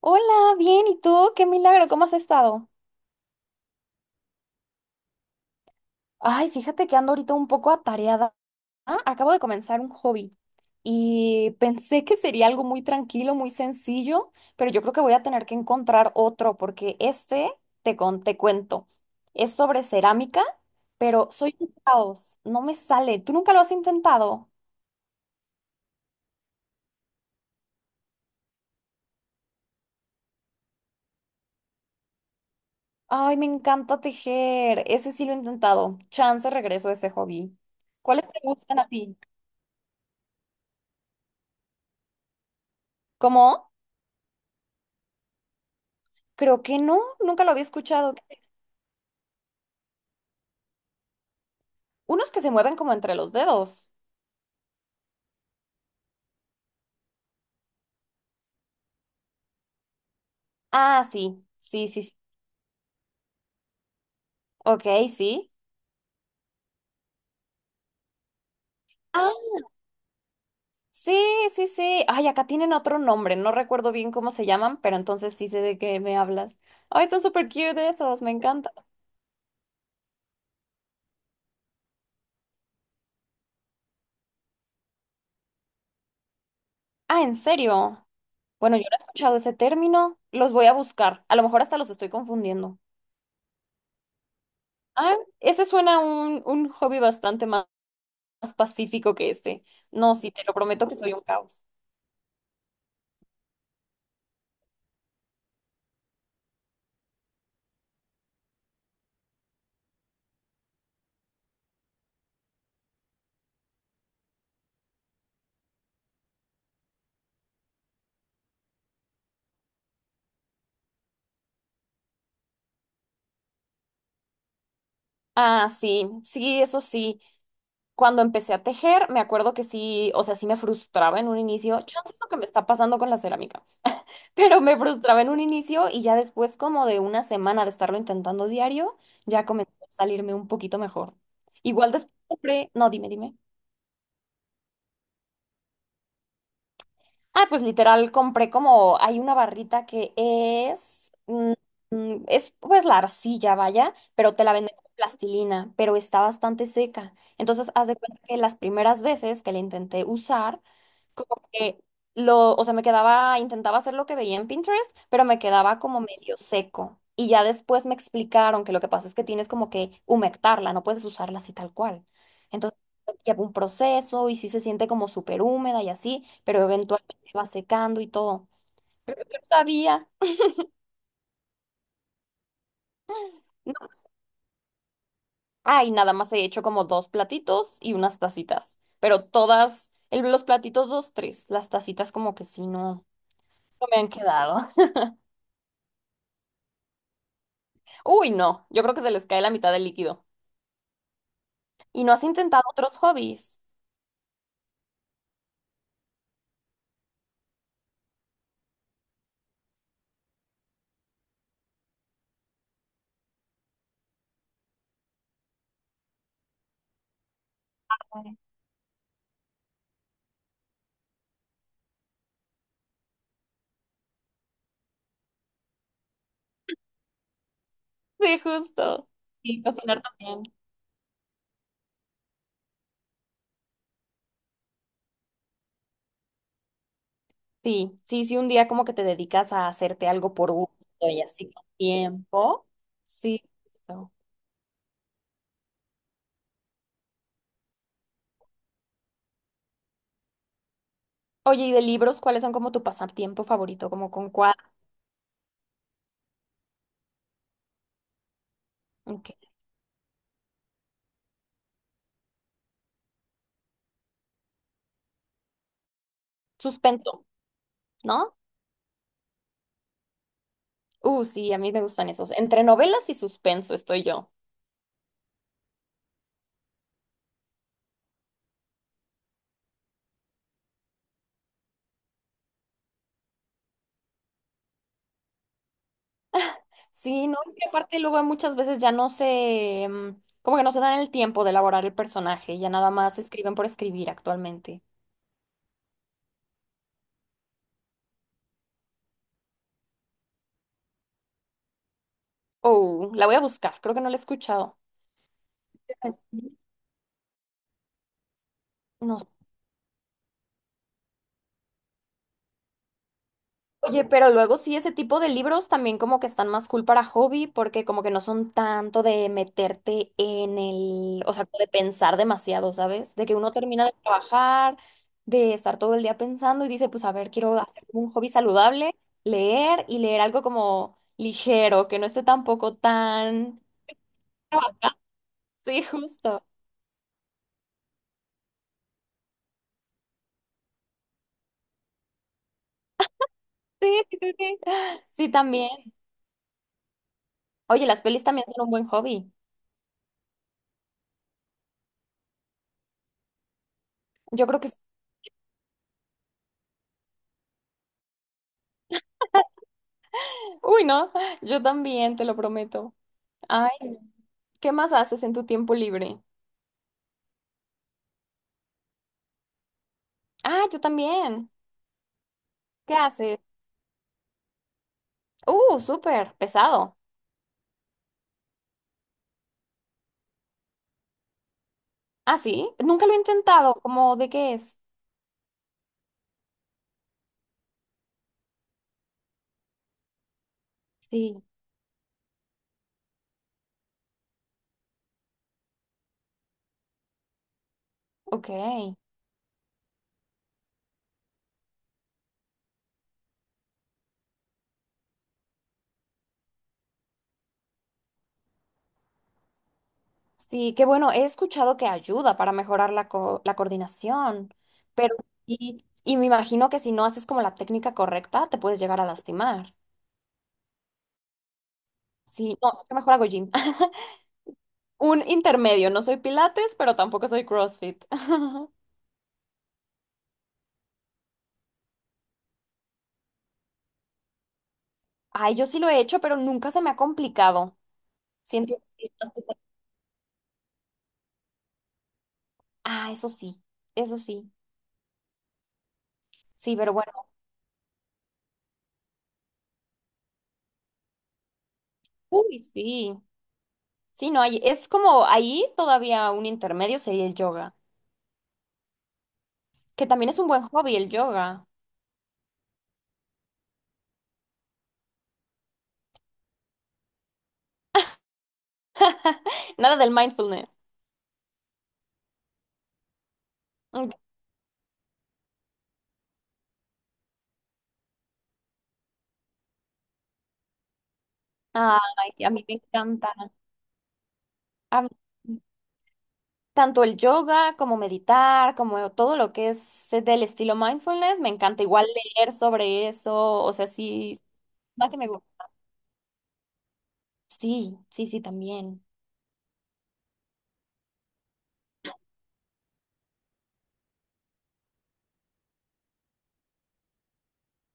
Hola, bien, ¿y tú? Qué milagro, ¿cómo has estado? Ay, fíjate que ando ahorita un poco atareada. Ah, acabo de comenzar un hobby y pensé que sería algo muy tranquilo, muy sencillo, pero yo creo que voy a tener que encontrar otro porque te cuento, es sobre cerámica, pero soy un caos, no me sale. ¿Tú nunca lo has intentado? Ay, me encanta tejer, ese sí lo he intentado. Chance regreso a ese hobby. ¿Cuáles te gustan a ti? ¿Cómo? Creo que no, nunca lo había escuchado. Unos que se mueven como entre los dedos. Ah, sí, sí, sí, sí. Ok, sí. Ah, sí, sí, sí. Ay, acá tienen otro nombre, no recuerdo bien cómo se llaman, pero entonces sí sé de qué me hablas. Ay, están súper cute esos, me encanta. Ah, ¿en serio? Bueno, yo no he escuchado ese término. Los voy a buscar. A lo mejor hasta los estoy confundiendo. Ah, ese suena un hobby bastante más, más pacífico que este. No, sí, te lo prometo que soy un caos. Ah, sí, sí, eso sí. Cuando empecé a tejer, me acuerdo que sí, o sea, sí me frustraba en un inicio. Chance es lo que me está pasando con la cerámica, pero me frustraba en un inicio y ya después, como de una semana de estarlo intentando diario, ya comenzó a salirme un poquito mejor. Igual después compré, no, dime, dime. Ah, pues literal compré como, hay una barrita que es pues la arcilla, vaya, pero te la venden con plastilina, pero está bastante seca. Entonces, haz de cuenta que las primeras veces que la intenté usar, como que lo, o sea, me quedaba, intentaba hacer lo que veía en Pinterest, pero me quedaba como medio seco. Y ya después me explicaron que lo que pasa es que tienes como que humectarla, no puedes usarla así tal cual. Entonces lleva un proceso y sí se siente como súper húmeda y así, pero eventualmente va secando y todo. Yo no sabía. No, pues, ay, nada más he hecho como dos platitos y unas tacitas, pero todas, los platitos dos, tres, las tacitas como que sí, no, no me han quedado. Uy, no, yo creo que se les cae la mitad del líquido. ¿Y no has intentado otros hobbies? Claro. Sí, justo. Y cocinar también. Sí, sí, sí, un día como que te dedicas a hacerte algo por gusto y así con tiempo. Sí, justo. Oye, ¿y de libros cuáles son como tu pasatiempo favorito? ¿Como con cuál? Ok. Suspenso, ¿no? Sí, a mí me gustan esos. Entre novelas y suspenso estoy yo. Sí, no, es que aparte luego muchas veces ya no se, como que no se dan el tiempo de elaborar el personaje, ya nada más escriben por escribir actualmente. Oh, la voy a buscar, creo que no la he escuchado. No. Oye, pero luego sí, ese tipo de libros también como que están más cool para hobby, porque como que no son tanto de meterte en el, o sea, como de pensar demasiado, ¿sabes? De que uno termina de trabajar, de estar todo el día pensando y dice, pues a ver, quiero hacer un hobby saludable, leer y leer algo como ligero, que no esté tampoco tan... ah, sí, justo. Sí, sí, sí, sí. Sí, también. Oye, las pelis también son un buen hobby. Yo creo que sí. Uy, no, yo también, te lo prometo. Ay, no. ¿Qué más haces en tu tiempo libre? Ah, yo también. ¿Qué haces? Súper pesado. Ah, sí. Nunca lo he intentado. ¿Cómo de qué es? Sí, ok. Sí, qué bueno. He escuchado que ayuda para mejorar la coordinación, pero sí, y me imagino que si no haces como la técnica correcta, te puedes llegar a lastimar. Sí, no, yo mejor hago gym. Un intermedio. No soy Pilates, pero tampoco soy CrossFit. Ay, yo sí lo he hecho, pero nunca se me ha complicado. Siento que, ah, eso sí, eso sí. Sí, pero bueno. Uy, sí. Sí, no, hay, es como ahí todavía un intermedio sería el yoga, que también es un buen hobby el yoga. Nada del mindfulness. Mm. Ay, a mí me encanta. A mí, tanto el yoga como meditar, como todo lo que es del estilo mindfulness, me encanta igual leer sobre eso, o sea, sí, va que me gusta. Sí, sí, sí, también.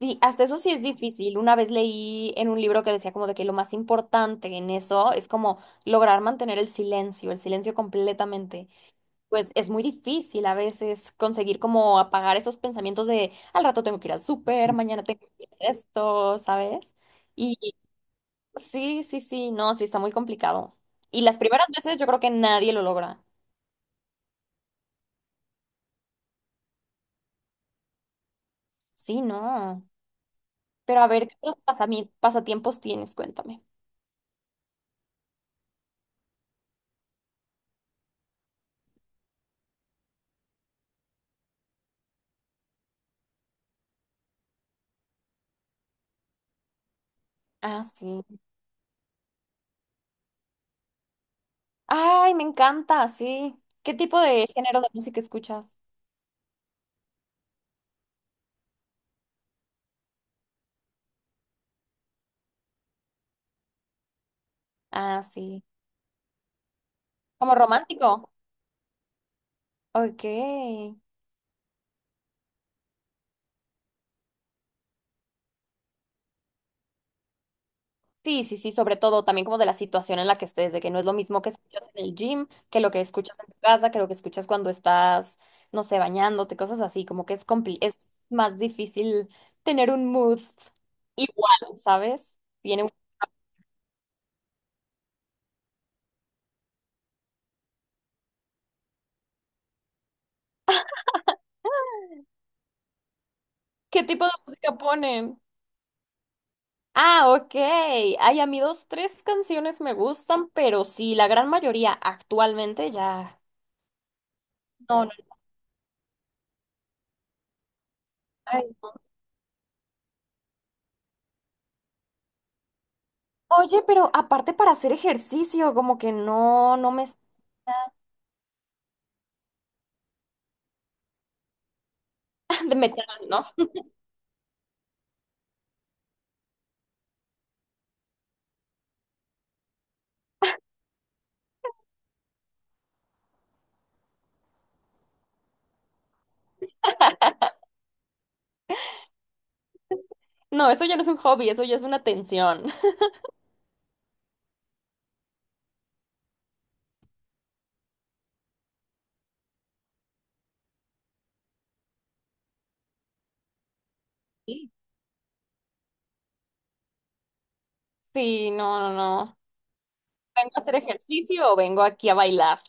Sí, hasta eso sí es difícil. Una vez leí en un libro que decía como de que lo más importante en eso es como lograr mantener el silencio completamente. Pues es muy difícil a veces conseguir como apagar esos pensamientos de al rato tengo que ir al súper, mañana tengo que ir a esto, ¿sabes? Y sí, sí, sí, no, sí está muy complicado. Y las primeras veces yo creo que nadie lo logra. Sí, no. Pero a ver, ¿qué otros pasatiempos tienes? Cuéntame. Ah, sí. Ay, me encanta, sí. ¿Qué tipo de género de música escuchas? Ah, sí. ¿Como romántico? Ok. Sí, sí, sí, sobre todo también como de la situación en la que estés, de que no es lo mismo que escuchas en el gym, que lo que escuchas en tu casa, que lo que escuchas cuando estás, no sé, bañándote, cosas así, como que es más difícil tener un mood igual, ¿sabes? Tiene un... ¿Qué tipo de música ponen? Ah, ok. Ay, a mí dos, tres canciones me gustan, pero sí, la gran mayoría actualmente ya. No, no. Ay, no. Oye, pero aparte para hacer ejercicio, como que no, no me... De metal, ¿no? No, eso ya no es un hobby, eso ya es una tensión. Sí. Sí, no, no, no. ¿Vengo a hacer ejercicio o vengo aquí a bailar?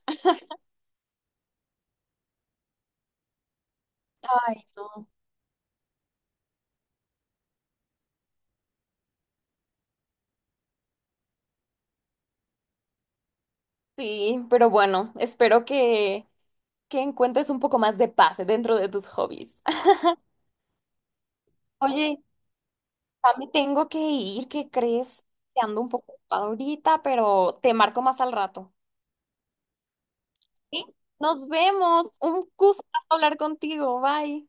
Ay, no. Sí, pero bueno, espero que encuentres un poco más de paz dentro de tus hobbies. Oye, ya me tengo que ir, ¿qué crees? Que ando un poco ocupada ahorita, pero te marco más al rato. ¿Sí? Nos vemos. Un gusto hablar contigo. Bye.